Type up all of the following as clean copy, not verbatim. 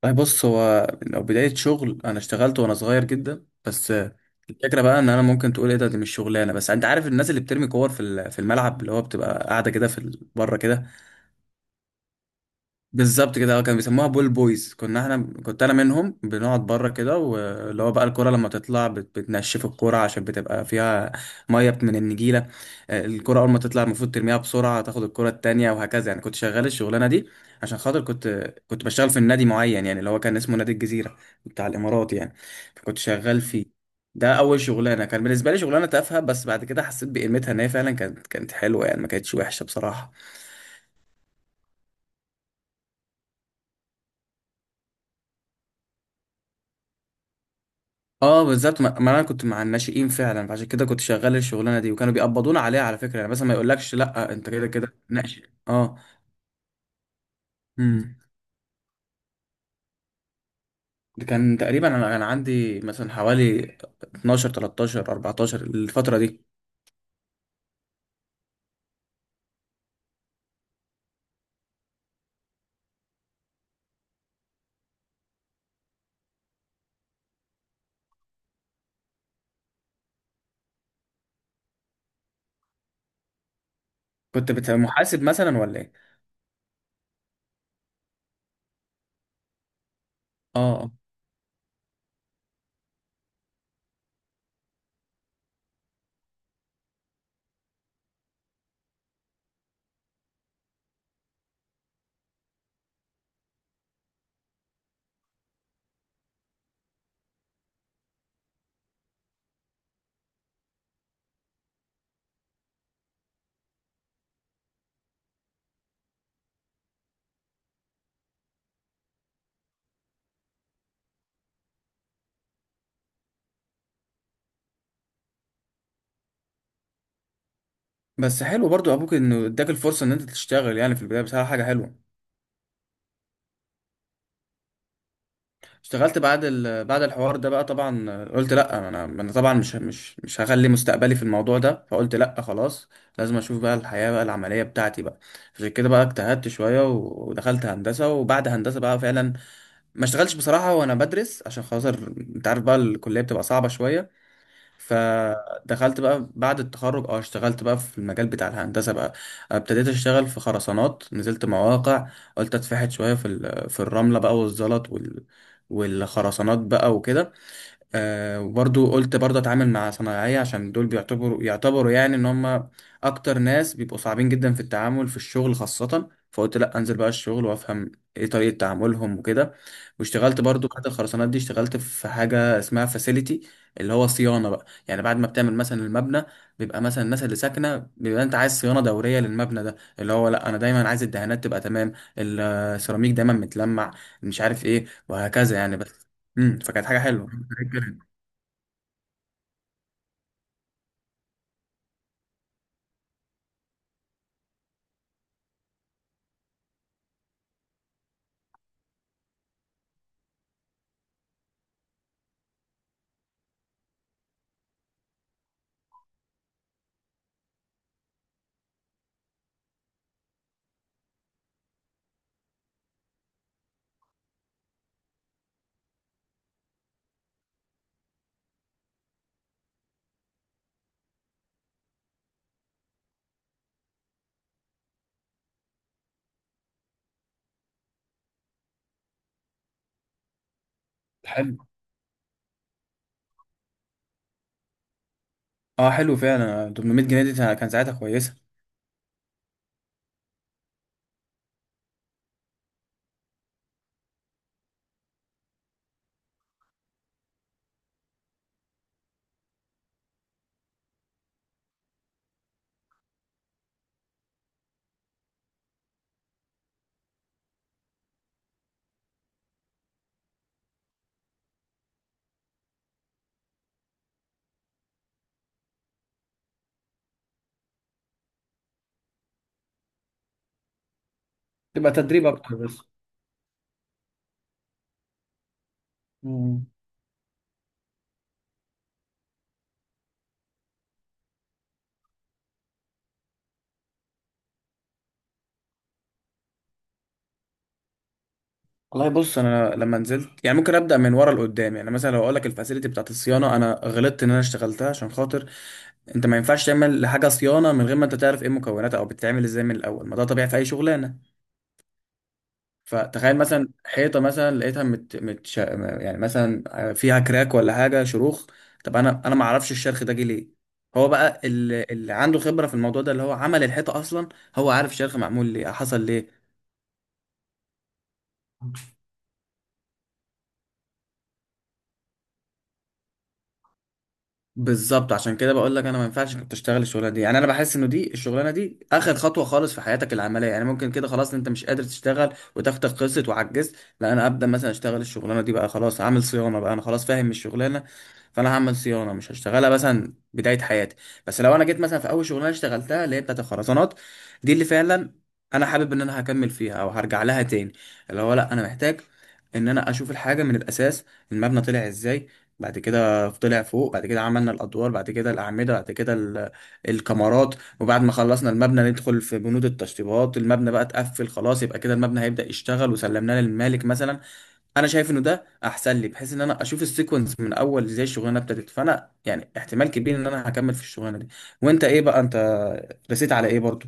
طيب بص، هو لو بداية شغل أنا اشتغلت وأنا صغير جدا. بس الفكرة بقى إن أنا ممكن تقول إيه ده، دي مش شغلانة. بس أنت عارف الناس اللي بترمي كور في في الملعب، اللي هو بتبقى قاعدة كده في بره كده. بالظبط كده، اه، كانوا بيسموها بول بويز. كنا احنا، كنت انا منهم، بنقعد بره كده، واللي هو بقى الكرة لما تطلع بتنشف الكرة عشان بتبقى فيها ميه من النجيله. الكرة اول ما تطلع المفروض ترميها بسرعه، تاخد الكرة التانية، وهكذا يعني. كنت شغال الشغلانه دي عشان خاطر كنت بشتغل في النادي معين، يعني اللي هو كان اسمه نادي الجزيره بتاع الامارات يعني. فكنت شغال فيه. ده اول شغلانه، كان بالنسبه لي شغلانه تافهه، بس بعد كده حسيت بقيمتها، ان هي فعلا كانت حلوه يعني، ما كانتش وحشه بصراحه. اه بالظبط. ما انا كنت مع الناشئين فعلا، فعشان كده كنت شغال الشغلانه دي، وكانوا بيقبضونا عليها على فكره يعني. بس ما يقولكش لا، انت كده كده ناشئ. اه. امم ده كان تقريبا انا كان عندي مثلا حوالي 12 13 14، الفتره دي. كنت محاسب مثلا ولا ايه؟ اه بس حلو برضو ابوك، انه اداك الفرصه ان انت تشتغل يعني في البدايه، بصراحه حاجه حلوه. اشتغلت بعد بعد الحوار ده بقى. طبعا قلت لا، انا انا طبعا مش هخلي مستقبلي في الموضوع ده. فقلت لا خلاص، لازم اشوف بقى الحياة بقى العملية بتاعتي بقى. عشان كده بقى اجتهدت شوية ودخلت هندسة، وبعد هندسة بقى فعلا ما اشتغلتش بصراحة وانا بدرس، عشان خاطر انت عارف بقى الكلية بتبقى صعبة شوية. فدخلت بقى بعد التخرج، اه، اشتغلت بقى في المجال بتاع الهندسة بقى. ابتديت اشتغل في خرسانات، نزلت مواقع، قلت اتفحت شوية في في الرملة بقى والزلط وال، والخرسانات بقى وكده. وبرضو قلت برضو اتعامل مع صنايعية، عشان دول بيعتبروا يعني ان هم اكتر ناس بيبقوا صعبين جدا في التعامل في الشغل خاصة. فقلت لا، انزل بقى الشغل، وافهم ايه طريقة تعاملهم وكده. واشتغلت برضو بعد الخرسانات دي، اشتغلت في حاجة اسمها فاسيليتي، اللي هو صيانة بقى يعني. بعد ما بتعمل مثلا المبنى، بيبقى مثلا الناس اللي ساكنة، بيبقى انت عايز صيانة دورية للمبنى ده، اللي هو لا انا دايما عايز الدهانات تبقى تمام، السيراميك دايما متلمع، مش عارف ايه وهكذا يعني. بس فكانت حاجة حلوة. مية جنيه. حلو. اه حلو فعلا، 800 جنيه دي كان ساعتها كويسه. تبقى تدريب اكتر بس. مم. والله بص، انا لما نزلت يعني، ممكن ابدا من ورا لقدام يعني. مثلا لو اقول لك الفاسيلتي بتاعت الصيانه، انا غلطت ان انا اشتغلتها، عشان خاطر انت ما ينفعش تعمل لحاجه صيانه من غير ما انت تعرف ايه مكوناتها او بتتعمل ازاي من الاول، ما ده طبيعي في اي شغلانه. فتخيل مثلا حيطه مثلا لقيتها يعني مثلا فيها كراك ولا حاجه، شروخ. طب انا، ما اعرفش الشرخ ده جه ليه. هو بقى اللي عنده خبره في الموضوع ده، اللي هو عمل الحيطه اصلا، هو عارف الشرخ معمول ليه، حصل ليه. بالظبط، عشان كده بقول لك انا ما ينفعش انك تشتغل الشغلانه دي يعني. انا بحس انه دي الشغلانه دي اخر خطوه خالص في حياتك العمليه يعني. ممكن كده خلاص انت مش قادر تشتغل، وتاخدك قصه وعجزت، لا انا ابدا مثلا اشتغل الشغلانه دي بقى. خلاص عامل صيانه بقى، انا خلاص فاهم الشغلانه، فانا هعمل صيانه، مش هشتغلها مثلا بدايه حياتي. بس لو انا جيت مثلا في اول شغلانه اشتغلتها، اللي هي بتاعت الخرسانات دي، اللي فعلا انا حابب ان انا هكمل فيها او هرجع لها تاني، اللي هو لا انا محتاج ان انا اشوف الحاجه من الاساس. المبنى طلع ازاي، بعد كده طلع فوق، بعد كده عملنا الادوار، بعد كده الاعمده، بعد كده الكمرات، وبعد ما خلصنا المبنى ندخل في بنود التشطيبات. المبنى بقى اتقفل خلاص، يبقى كده المبنى هيبدا يشتغل، وسلمناه للمالك مثلا. انا شايف انه ده احسن لي، بحيث ان انا اشوف السيكونس من اول ازاي الشغلانه ابتدت، فانا يعني احتمال كبير ان انا هكمل في الشغلانه دي. وانت ايه بقى؟ انت رسيت على ايه برضو؟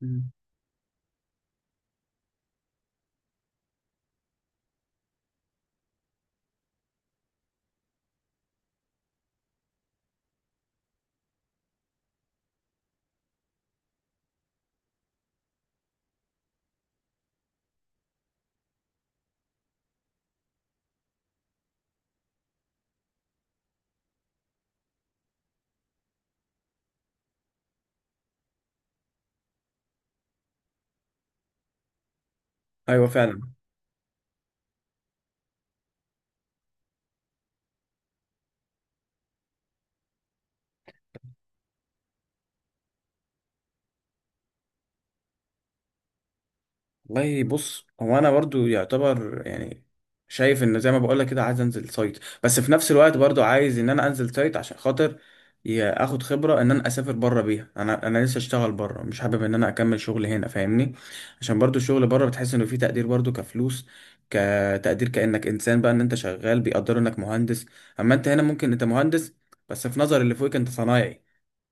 مم. ايوه فعلا. والله بص، هو انا برضو يعتبر يعني شايف ان زي ما بقول لك كده، عايز انزل سايت. بس في نفس الوقت برضو عايز ان انا انزل سايت عشان خاطر اخد خبره ان انا اسافر بره بيها. انا لسه اشتغل بره، مش حابب ان انا اكمل شغل هنا، فاهمني؟ عشان برضو الشغل بره بتحس انه فيه تقدير، برضو كفلوس، كتقدير، كانك انسان بقى، ان انت شغال بيقدروا انك مهندس. اما انت هنا ممكن انت مهندس، بس في نظر اللي فوقك انت صنايعي.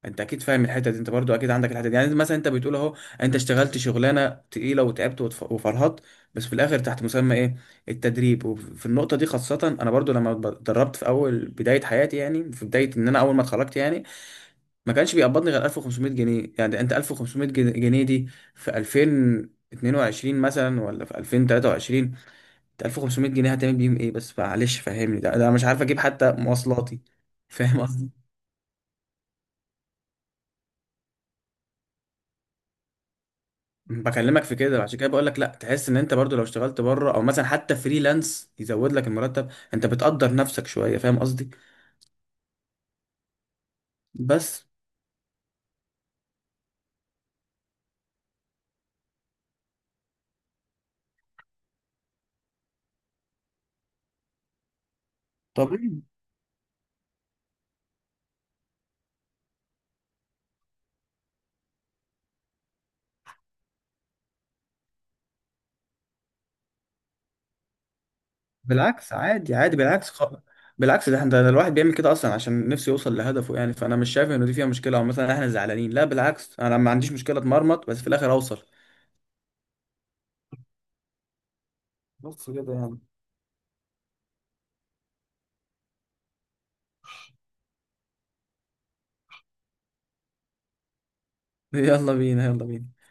انت اكيد فاهم الحته دي، انت برضو اكيد عندك الحته دي يعني. مثلا انت بتقول اهو، انت اشتغلت شغلانه تقيله، وتعبت وفرهدت، بس في الاخر تحت مسمى ايه؟ التدريب. وفي النقطه دي خاصه، انا برضو لما اتدربت في اول بدايه حياتي، يعني في بدايه ان انا اول ما اتخرجت يعني، ما كانش بيقبضني غير 1500 جنيه يعني. انت 1500 جنيه دي في 2022 مثلا ولا في 2023، انت 1500 جنيه هتعمل بيهم ايه؟ بس معلش فهمني، ده انا مش عارف اجيب حتى مواصلاتي. فاهم قصدي؟ بكلمك في كده عشان كده بقول لك لا، تحس ان انت برضو لو اشتغلت بره، او مثلا حتى فريلانس يزود لك المرتب، انت بتقدر نفسك شويه. فاهم قصدي؟ بس طبيعي. بالعكس عادي عادي. بالعكس، ده احنا ده الواحد بيعمل كده اصلا عشان نفسه يوصل لهدفه يعني. فانا مش شايف انه دي فيها مشكله، او مثلا احنا زعلانين، لا بالعكس، انا ما عنديش مشكله اتمرمط بس في الاخر اوصل. بص كده يعني. يلا بينا، يلا بينا.